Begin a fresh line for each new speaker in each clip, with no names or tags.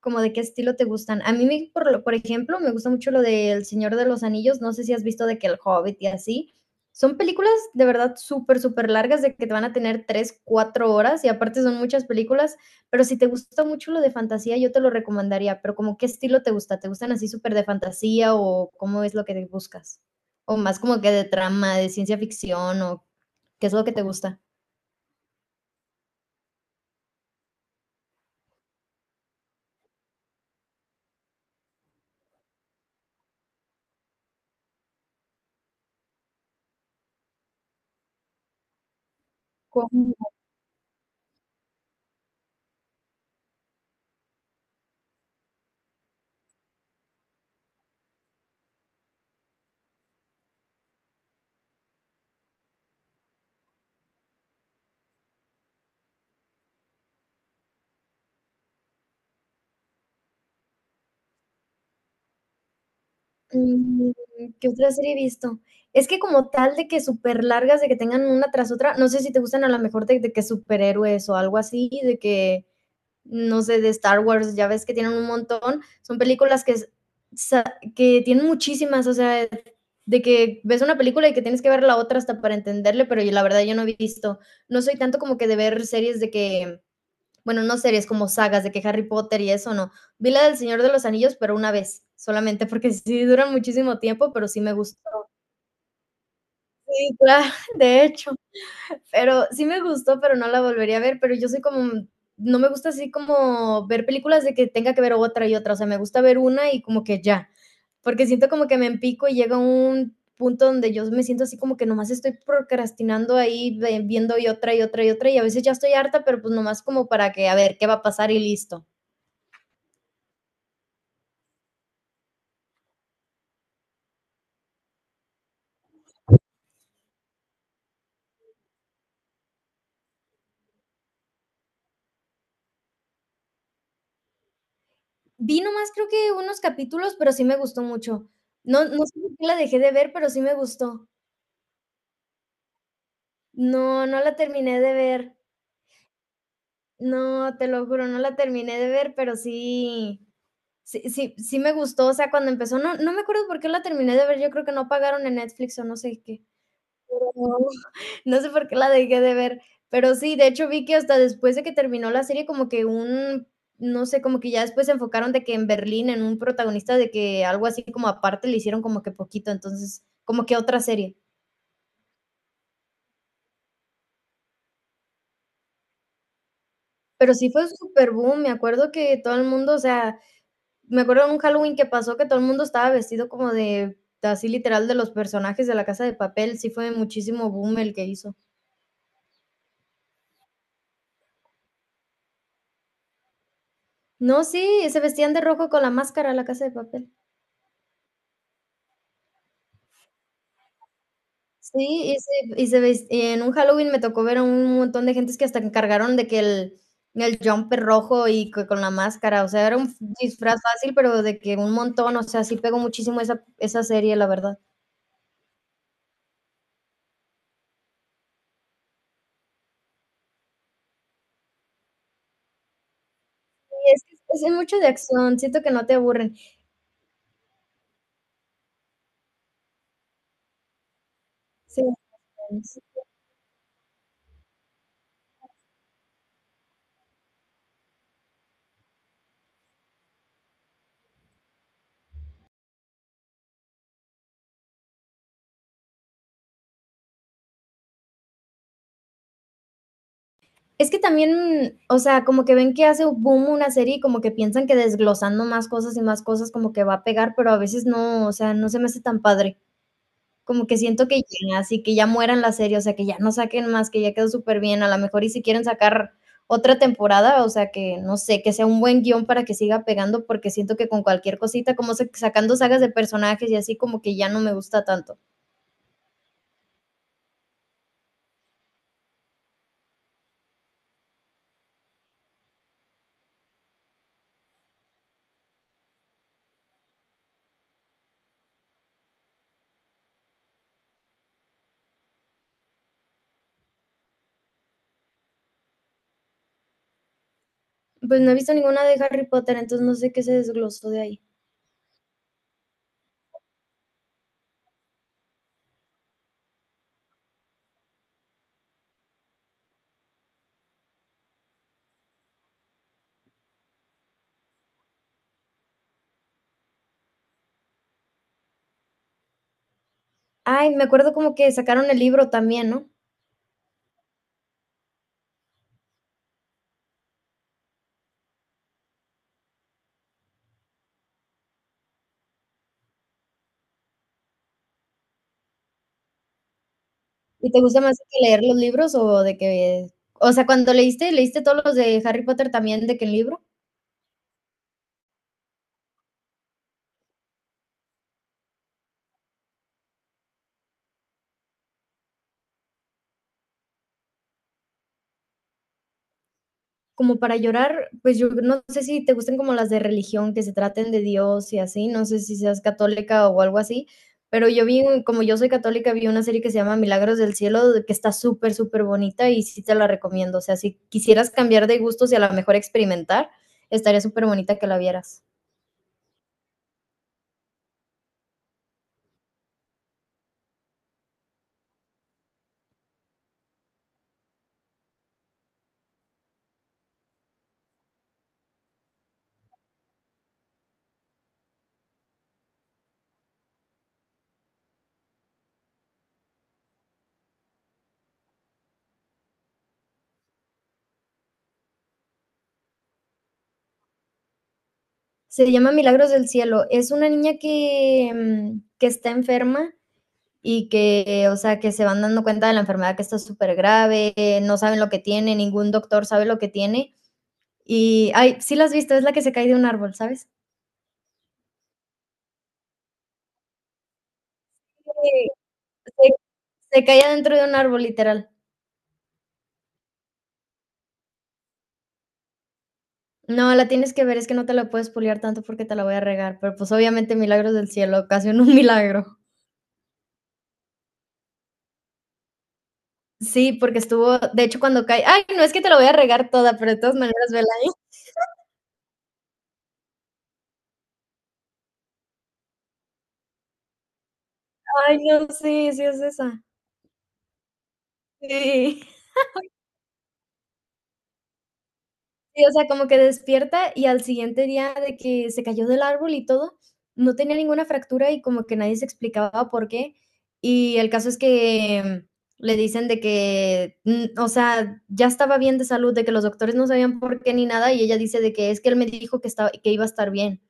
Como de qué estilo te gustan. A mí, por ejemplo, me gusta mucho lo del Señor de los Anillos. No sé si has visto de que El Hobbit y así. Son películas de verdad súper largas, de que te van a tener 3, 4 horas y aparte son muchas películas, pero si te gusta mucho lo de fantasía, yo te lo recomendaría, pero como qué estilo te gusta, ¿te gustan así súper de fantasía o cómo es lo que buscas? O más como que de trama, de ciencia ficción o qué es lo que te gusta. Mm, ¿qué otra serie he visto? Es que como tal de que súper largas, de que tengan una tras otra, no sé si te gustan a lo mejor de que superhéroes o algo así, de que, no sé, de Star Wars, ya ves que tienen un montón, son películas que s sa que tienen muchísimas, o sea, de que ves una película y que tienes que ver la otra hasta para entenderle, pero yo la verdad yo no he visto. No soy tanto como que de ver series de que bueno, no series como sagas de que Harry Potter y eso, no. Vi la del Señor de los Anillos, pero una vez, solamente porque sí duran muchísimo tiempo, pero sí me gustó. Sí, claro, de hecho, pero sí me gustó, pero no la volvería a ver, pero yo soy como no me gusta así como ver películas de que tenga que ver otra y otra, o sea, me gusta ver una y como que ya, porque siento como que me empico y llega un punto donde yo me siento así como que nomás estoy procrastinando ahí viendo y otra y otra y otra y a veces ya estoy harta, pero pues nomás como para que a ver qué va a pasar y listo. Vi nomás creo que unos capítulos, pero sí me gustó mucho. No sé por qué la dejé de ver, pero sí me gustó. No, no la terminé de ver. No, te lo juro, no la terminé de ver, pero sí me gustó, o sea, cuando empezó, no me acuerdo por qué la terminé de ver, yo creo que no pagaron en Netflix o no sé qué. No, no sé por qué la dejé de ver, pero sí, de hecho vi que hasta después de que terminó la serie como que un no sé, como que ya después se enfocaron de que en Berlín, en un protagonista, de que algo así como aparte le hicieron como que poquito, entonces, como que otra serie. Pero sí fue súper boom, me acuerdo que todo el mundo, o sea, me acuerdo de un Halloween que pasó que todo el mundo estaba vestido como de, así literal, de los personajes de La Casa de Papel, sí fue muchísimo boom el que hizo. No, sí, se vestían de rojo con la máscara La Casa de Papel. Sí, y se ves y en un Halloween me tocó ver a un montón de gentes que hasta encargaron de que el jumper rojo y que con la máscara, o sea, era un disfraz fácil, pero de que un montón, o sea, sí pegó muchísimo esa serie, la verdad. Sí, es que es mucho de acción, siento que no te aburren. Sí, es es que también, o sea, como que ven que hace boom una serie y como que piensan que desglosando más cosas y más cosas como que va a pegar, pero a veces no, o sea, no se me hace tan padre. Como que siento que ya, así que ya mueran la serie, o sea, que ya no saquen más, que ya quedó súper bien a lo mejor y si quieren sacar otra temporada, o sea, que no sé, que sea un buen guión para que siga pegando, porque siento que con cualquier cosita, como sacando sagas de personajes y así, como que ya no me gusta tanto. Pues no he visto ninguna de Harry Potter, entonces no sé qué se desglosó de ahí. Ay, me acuerdo como que sacaron el libro también, ¿no? ¿Y te gusta más que leer los libros o de que, o sea, cuando leíste, leíste todos los de Harry Potter también de que el libro? Como para llorar, pues yo no sé si te gusten como las de religión, que se traten de Dios y así, no sé si seas católica o algo así, pero yo vi, como yo soy católica, vi una serie que se llama Milagros del Cielo, de que está súper bonita y sí te la recomiendo. O sea, si quisieras cambiar de gustos y a lo mejor experimentar, estaría súper bonita que la vieras. Se llama Milagros del Cielo. Es una niña que, que está enferma y que, o sea, que se van dando cuenta de la enfermedad que está súper grave, no saben lo que tiene, ningún doctor sabe lo que tiene. Y, ay, sí la has visto, es la que se cae de un árbol, ¿sabes? Sí. Se se cae adentro de un árbol, literal. No, la tienes que ver, es que no te la puedes spoilear tanto porque te la voy a regar, pero, pues, obviamente Milagros del Cielo, ocasionó un milagro. Sí, porque estuvo de hecho, cuando cae ay, no, es que te la voy a regar toda, pero de todas maneras vela ahí. Ay, no, sí, sí es esa. Sí. Sí, o sea, como que despierta y al siguiente día de que se cayó del árbol y todo, no tenía ninguna fractura y como que nadie se explicaba por qué. Y el caso es que le dicen de que, o sea, ya estaba bien de salud, de que los doctores no sabían por qué ni nada, y ella dice de que es que él me dijo que estaba que iba a estar bien.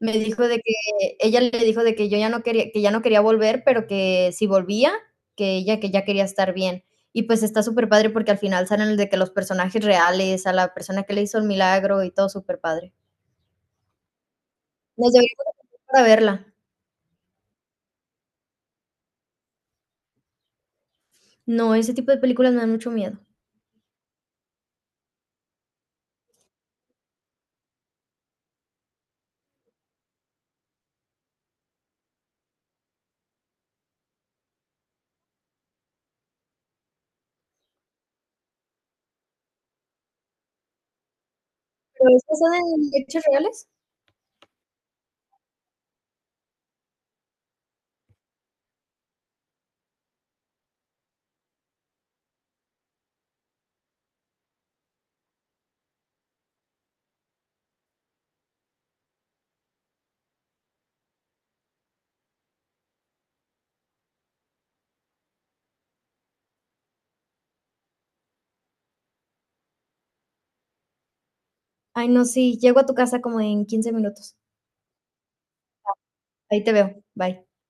Me dijo de que ella le dijo de que yo ya no quería que ya no quería volver, pero que si volvía, que ella que ya quería estar bien. Y pues está súper padre porque al final salen de que los personajes reales, a la persona que le hizo el milagro y todo superpadre. Nos deberíamos de juntar para verla. No, ese tipo de películas me dan mucho miedo. ¿Pero es basada en hechos reales? Ay, no, sí, llego a tu casa como en 15 minutos. Ahí te veo. Bye.